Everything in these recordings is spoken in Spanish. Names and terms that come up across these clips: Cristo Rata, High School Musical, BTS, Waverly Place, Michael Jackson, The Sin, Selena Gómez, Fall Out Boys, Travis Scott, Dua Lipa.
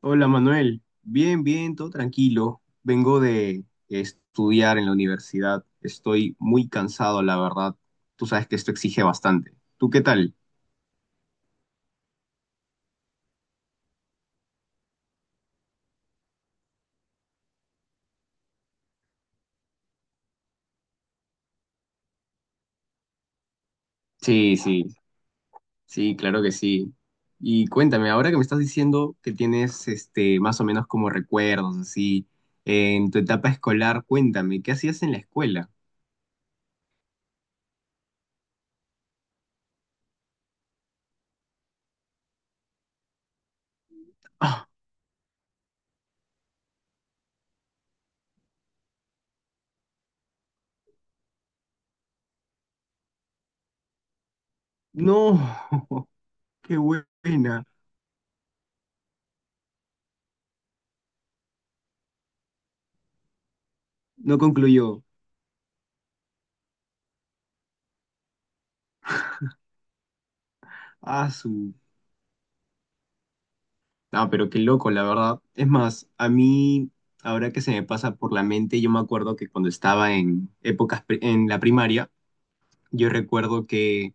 Hola Manuel, bien, bien, todo tranquilo. Vengo de estudiar en la universidad. Estoy muy cansado, la verdad. Tú sabes que esto exige bastante. ¿Tú qué tal? Sí, sí, sí, claro que sí. Y cuéntame, ahora que me estás diciendo que tienes este más o menos como recuerdos así en tu etapa escolar, cuéntame, ¿qué hacías en la escuela? Ah, no. Qué buena. No concluyó. Ah, ah, pero qué loco, la verdad. Es más, a mí, ahora que se me pasa por la mente, yo me acuerdo que cuando estaba en la primaria, yo recuerdo que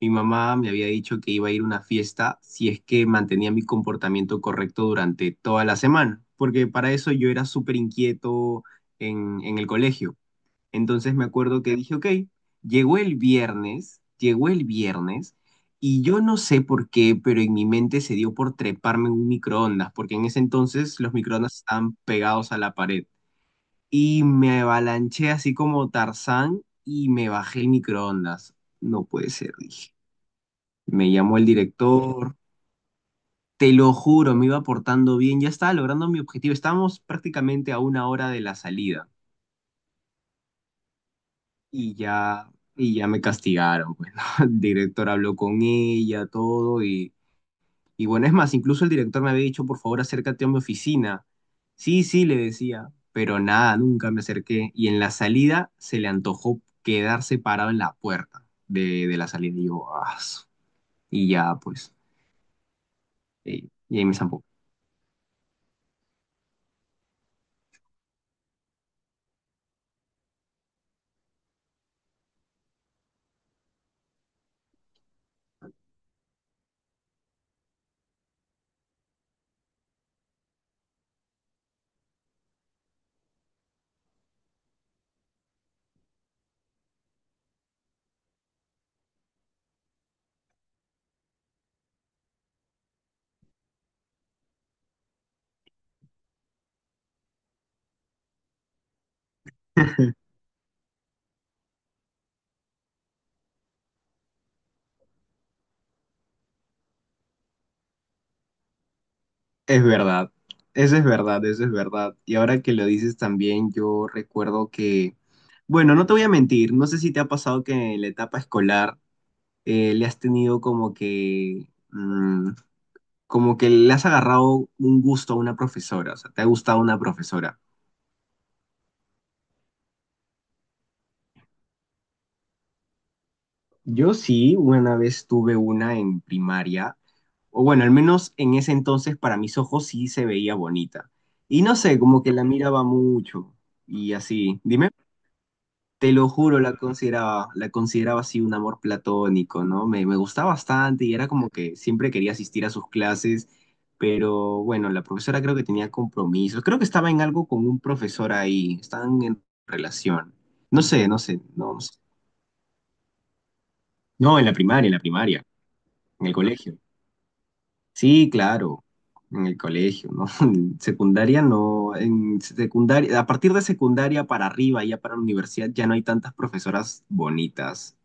mi mamá me había dicho que iba a ir a una fiesta si es que mantenía mi comportamiento correcto durante toda la semana, porque para eso yo era súper inquieto en el colegio. Entonces me acuerdo que dije, ok, llegó el viernes, y yo no sé por qué, pero en mi mente se dio por treparme en un microondas, porque en ese entonces los microondas estaban pegados a la pared. Y me avalanché así como Tarzán y me bajé el microondas. No puede ser, dije. Me llamó el director. Te lo juro, me iba portando bien, ya estaba logrando mi objetivo. Estábamos prácticamente a una hora de la salida. Y ya me castigaron, pues, ¿no? El director habló con ella, todo, y bueno, es más, incluso el director me había dicho, por favor, acércate a mi oficina. Sí, sí, le decía, pero nada, nunca me acerqué. Y en la salida se le antojó quedarse parado en la puerta de la salida. Y yo, "Ah, su", y ya, pues, y ahí me zampó. Es verdad, eso es verdad, eso es verdad. Y ahora que lo dices también, yo recuerdo que, bueno, no te voy a mentir, no sé si te ha pasado que en la etapa escolar le has tenido como que le has agarrado un gusto a una profesora, o sea, te ha gustado una profesora. Yo sí, una vez tuve una en primaria, o bueno, al menos en ese entonces para mis ojos sí se veía bonita. Y no sé, como que la miraba mucho y así. Dime. Te lo juro, la consideraba así un amor platónico, ¿no? Me gustaba bastante y era como que siempre quería asistir a sus clases, pero bueno, la profesora creo que tenía compromisos, creo que estaba en algo con un profesor ahí, estaban en relación. No sé, no sé, no, no sé. No, en la primaria, en la primaria, en el colegio. Sí, claro, en el colegio, ¿no? En secundaria no, en secundaria, a partir de secundaria para arriba, ya para la universidad, ya no hay tantas profesoras bonitas.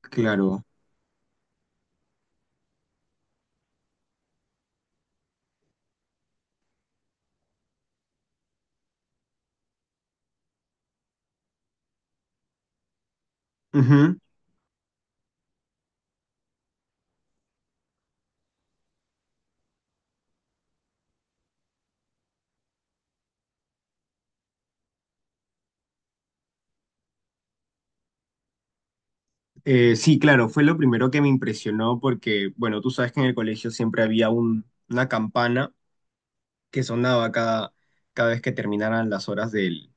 Claro. Ujú. Sí, claro, fue lo primero que me impresionó porque, bueno, tú sabes que en el colegio siempre había un- una campana que sonaba cada vez que terminaran las horas del,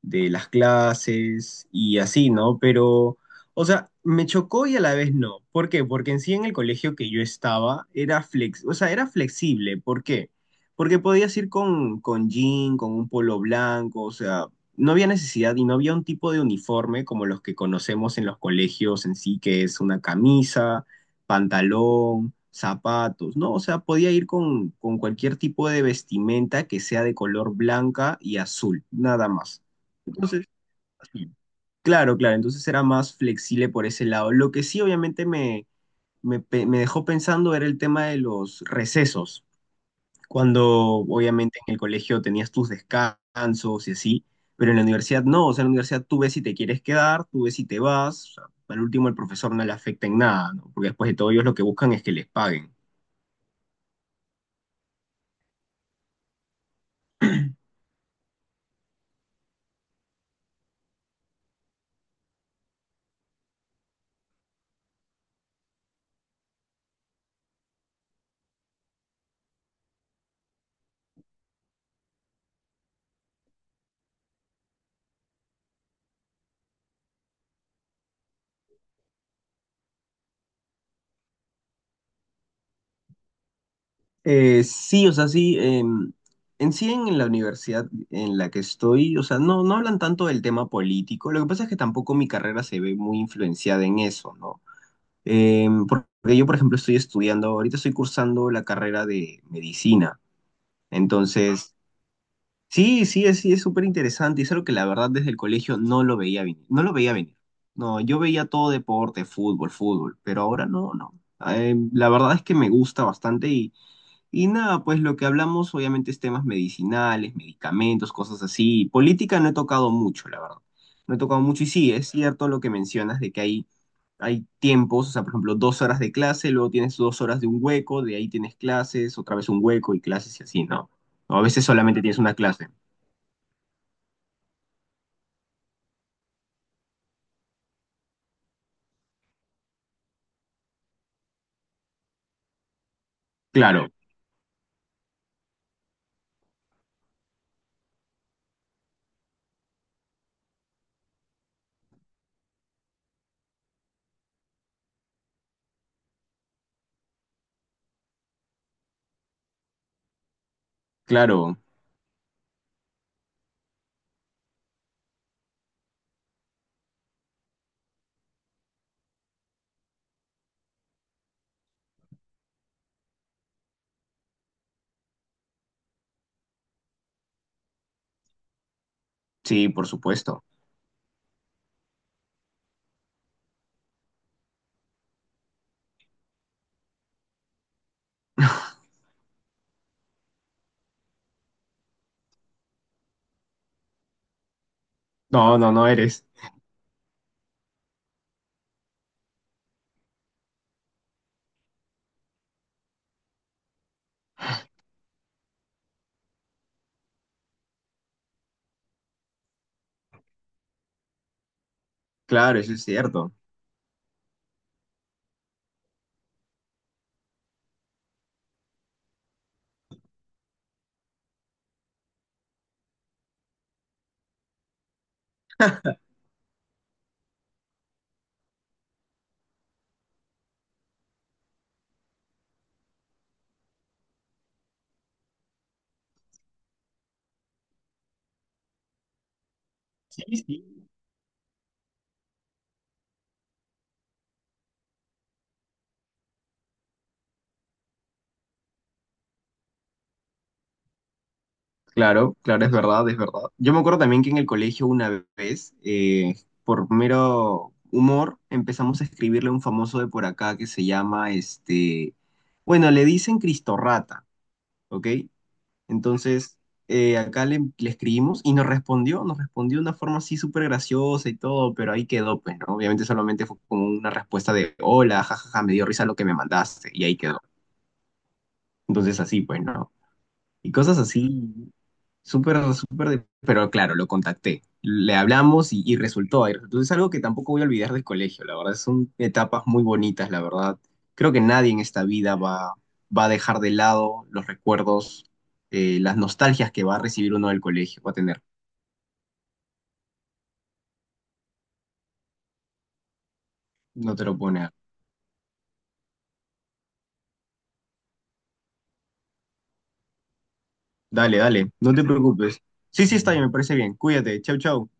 de las clases y así, ¿no? Pero, o sea, me chocó y a la vez no. ¿Por qué? Porque en sí en el colegio que yo estaba era flex, o sea, era flexible. ¿Por qué? Porque podías ir con, jean, con un polo blanco, o sea, no había necesidad y no había un tipo de uniforme como los que conocemos en los colegios en sí, que es una camisa, pantalón, zapatos, ¿no? O sea, podía ir con cualquier tipo de vestimenta que sea de color blanca y azul, nada más. Entonces, así. Claro, claro, entonces era más flexible por ese lado. Lo que sí obviamente me dejó pensando era el tema de los recesos, cuando obviamente en el colegio tenías tus descansos y así, pero en la universidad no, o sea, en la universidad tú ves si te quieres quedar, tú ves si te vas, o sea, al último el profesor no le afecta en nada, ¿no? Porque después de todo ellos lo que buscan es que les paguen. Sí, o sea, sí. En sí, en la universidad en la que estoy, o sea, no, no hablan tanto del tema político. Lo que pasa es que tampoco mi carrera se ve muy influenciada en eso, ¿no? Porque yo, por ejemplo, estoy estudiando, ahorita estoy cursando la carrera de medicina. Entonces, sí, sí, es súper interesante y es algo que la verdad desde el colegio no lo veía venir. No lo veía venir. No, yo veía todo deporte, fútbol, fútbol, pero ahora no, no. La verdad es que me gusta bastante y... Y nada, pues lo que hablamos obviamente es temas medicinales, medicamentos, cosas así. Política no he tocado mucho, la verdad. No he tocado mucho y sí, es cierto lo que mencionas de que hay tiempos, o sea, por ejemplo, 2 horas de clase, luego tienes 2 horas de un hueco, de ahí tienes clases, otra vez un hueco y clases y así, ¿no? O a veces solamente tienes una clase. Claro, claro, sí, por supuesto. No, no, no eres. Claro, eso es cierto. Sí, sí. Claro, claro, es verdad, es verdad. Yo me acuerdo también que en el colegio una vez, por mero humor, empezamos a escribirle a un famoso de por acá que se llama, bueno, le dicen Cristo Rata, ¿ok? Entonces, acá le escribimos y nos respondió de una forma así súper graciosa y todo, pero ahí quedó, pues, ¿no? Obviamente solamente fue como una respuesta de, hola, jajaja, me dio risa lo que me mandaste, y ahí quedó. Entonces así, pues, ¿no? Y cosas así. Súper, súper, pero claro, lo contacté. Le hablamos y resultó ahí. Entonces es algo que tampoco voy a olvidar del colegio, la verdad. Son etapas muy bonitas, la verdad. Creo que nadie en esta vida va a dejar de lado los recuerdos, las nostalgias que va a recibir uno del colegio, va a tener. No te lo pone. Dale, dale, no te preocupes. Sí, sí, está bien, me parece bien. Cuídate. Chau, chau.